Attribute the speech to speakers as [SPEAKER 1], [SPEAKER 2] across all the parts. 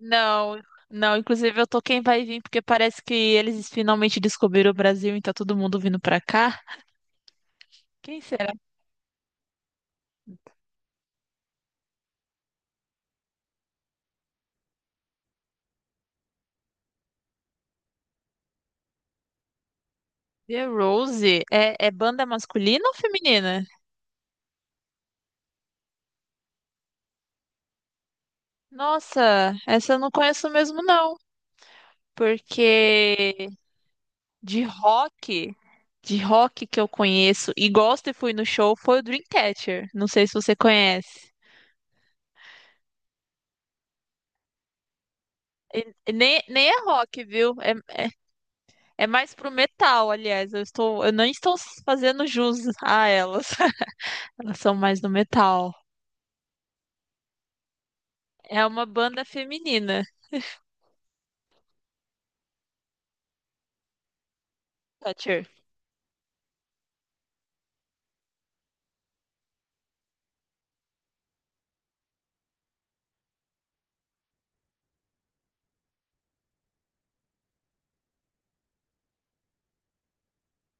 [SPEAKER 1] Não, não, inclusive eu tô quem vai vir, porque parece que eles finalmente descobriram o Brasil e tá todo mundo vindo pra cá. Quem será? The Rose? É, é banda masculina ou feminina? Nossa, essa eu não conheço mesmo não, porque de rock, de rock que eu conheço e gosto e fui no show foi o Dreamcatcher, não sei se você conhece. Nem, nem é rock, viu? É, é, é mais pro metal, aliás. Eu não estou fazendo jus a elas. Elas são mais no metal. É uma banda feminina, Thatcher.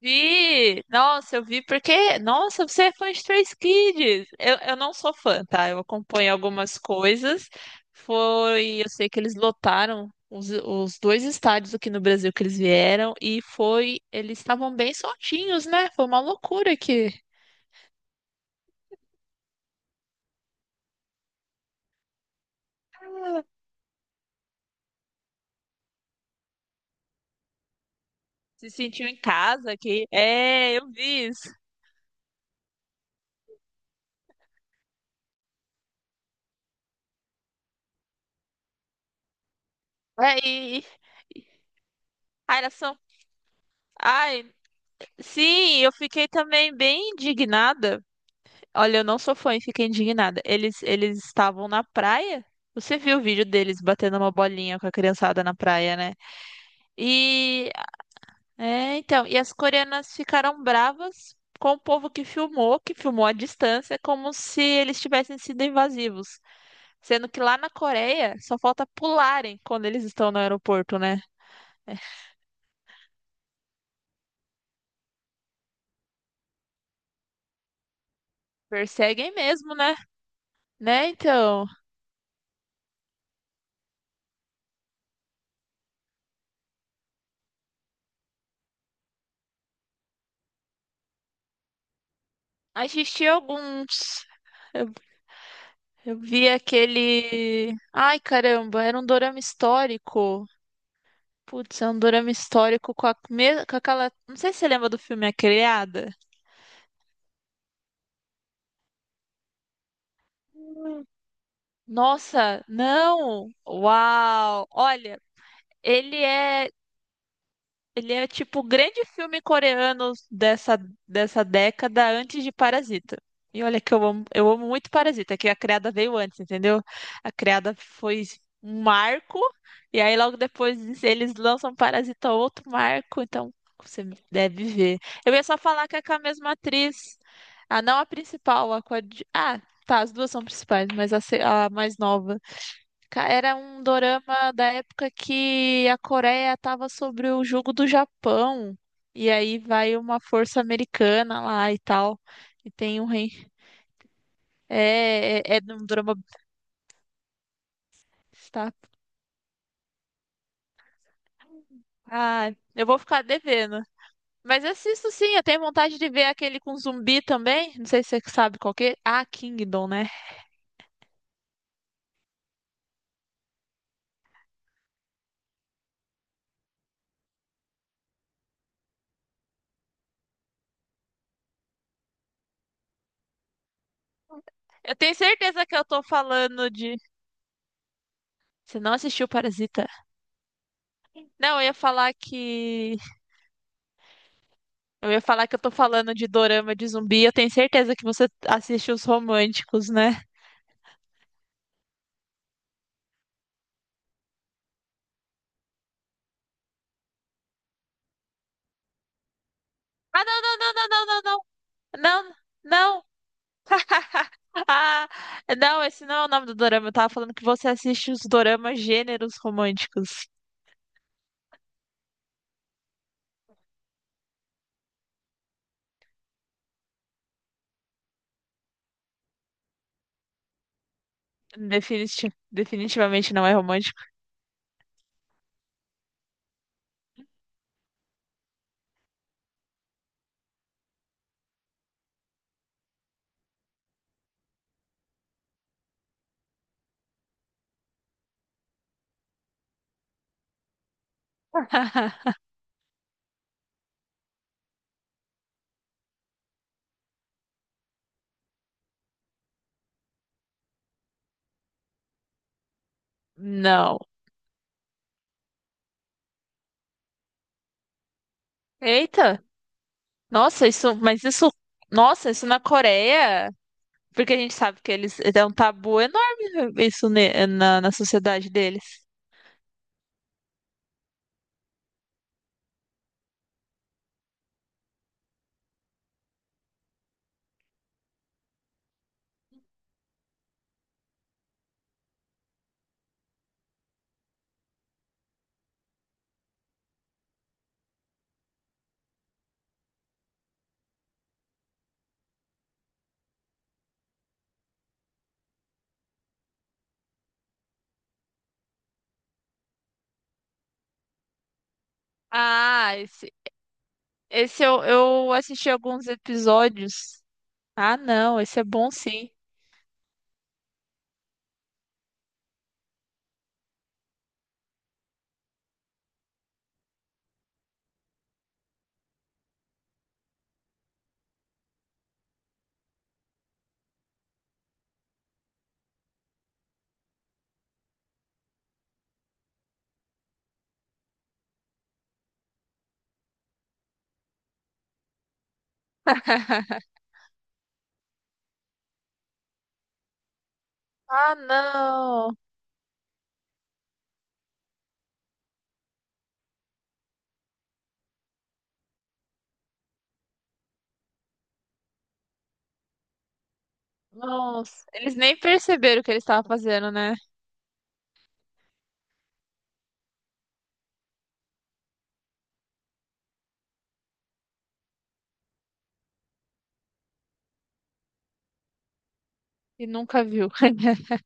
[SPEAKER 1] Vi! Nossa, eu vi porque. Nossa, você é fã de Stray Kids! Eu não sou fã, tá? Eu acompanho algumas coisas. Foi. Eu sei que eles lotaram os dois estádios aqui no Brasil que eles vieram. E foi. Eles estavam bem soltinhos, né? Foi uma loucura que se sentiu em casa aqui. É, eu vi isso. É, e. e- Ai, elas são. Ai, sim, eu fiquei também bem indignada. Olha, eu não sou fã e fiquei indignada. Eles estavam na praia. Você viu o vídeo deles batendo uma bolinha com a criançada na praia, né? E é, então, e as coreanas ficaram bravas com o povo que filmou à distância, como se eles tivessem sido invasivos. Sendo que lá na Coreia só falta pularem quando eles estão no aeroporto, né? É, perseguem mesmo, né? Né, então. Assisti alguns. Eu vi aquele. Ai, caramba, era um dorama histórico. Putz, é um dorama histórico com, a... me- com aquela. Não sei se você lembra do filme A Criada. Nossa, não! Uau! Olha, ele é. Ele é tipo o grande filme coreano dessa, dessa década antes de Parasita. E olha que eu amo muito Parasita, que a Criada veio antes, entendeu? A Criada foi um marco, e aí logo depois eles lançam Parasita outro marco, então você deve ver. Eu ia só falar que é com a mesma atriz, a não a principal, a coadju... Ah, tá, as duas são principais, mas a, se- a mais nova. Ca- Era um dorama da época que a Coreia estava sobre o jugo do Japão. E aí vai uma força americana lá e tal. E tem um rei. É um drama. Está... Ah, eu vou ficar devendo. Mas assisto sim, eu tenho vontade de ver aquele com zumbi também. Não sei se você sabe qual que é. Ah, Kingdom, né? Eu tenho certeza que eu tô falando de. Você não assistiu Parasita? Não, eu ia falar que eu ia falar que eu tô falando de dorama de zumbi, eu tenho certeza que você assiste os românticos, né? Ah, não, não, não, não, não, não, não, não, não. Ah, não, esse não é o nome do dorama. Eu tava falando que você assiste os doramas gêneros românticos. Definiti- definitivamente não é romântico. Não. Eita, nossa, isso, mas isso, nossa, isso na Coreia, porque a gente sabe que eles é um tabu enorme isso ne- na, na sociedade deles. Ah, esse eu assisti alguns episódios. Ah, não, esse é bom sim. Ah, não. Nossa, eles nem perceberam o que eles estavam fazendo, né? E nunca viu.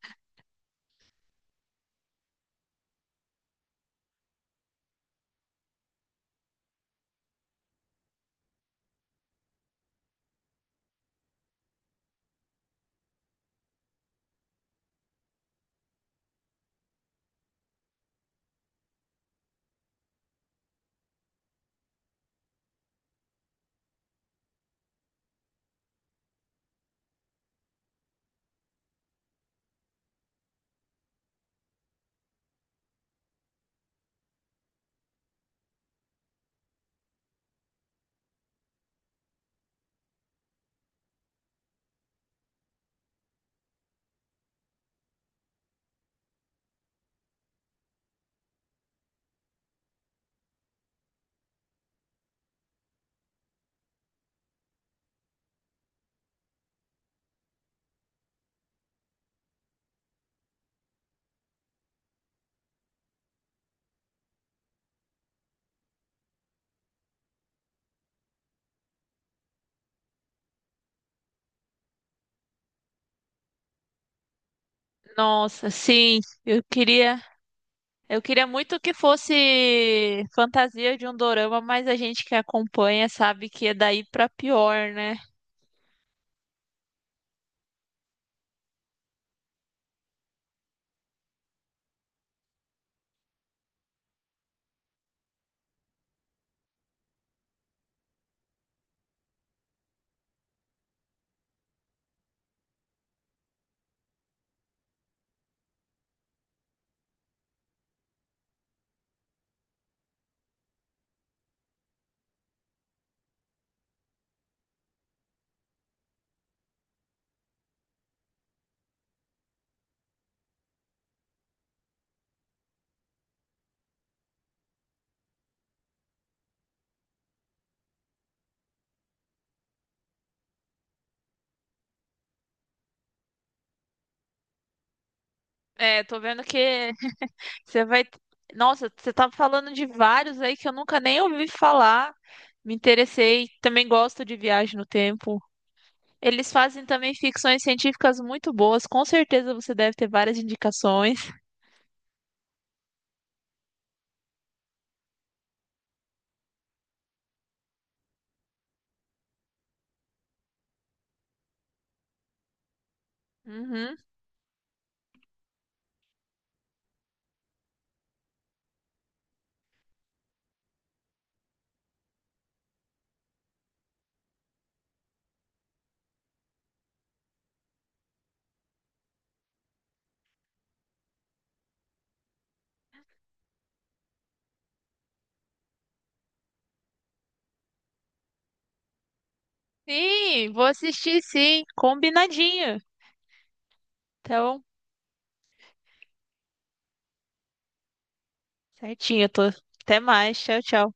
[SPEAKER 1] Nossa, sim, eu queria, eu queria muito que fosse fantasia de um dorama, mas a gente que acompanha sabe que é daí pra pior, né? É, tô vendo que você vai. Nossa, você tá falando de vários aí que eu nunca nem ouvi falar. Me interessei. Também gosto de viagem no tempo. Eles fazem também ficções científicas muito boas. Com certeza você deve ter várias indicações. Uhum. Sim, vou assistir sim. Combinadinho. Então, certinho, tô. Até mais. Tchau, tchau.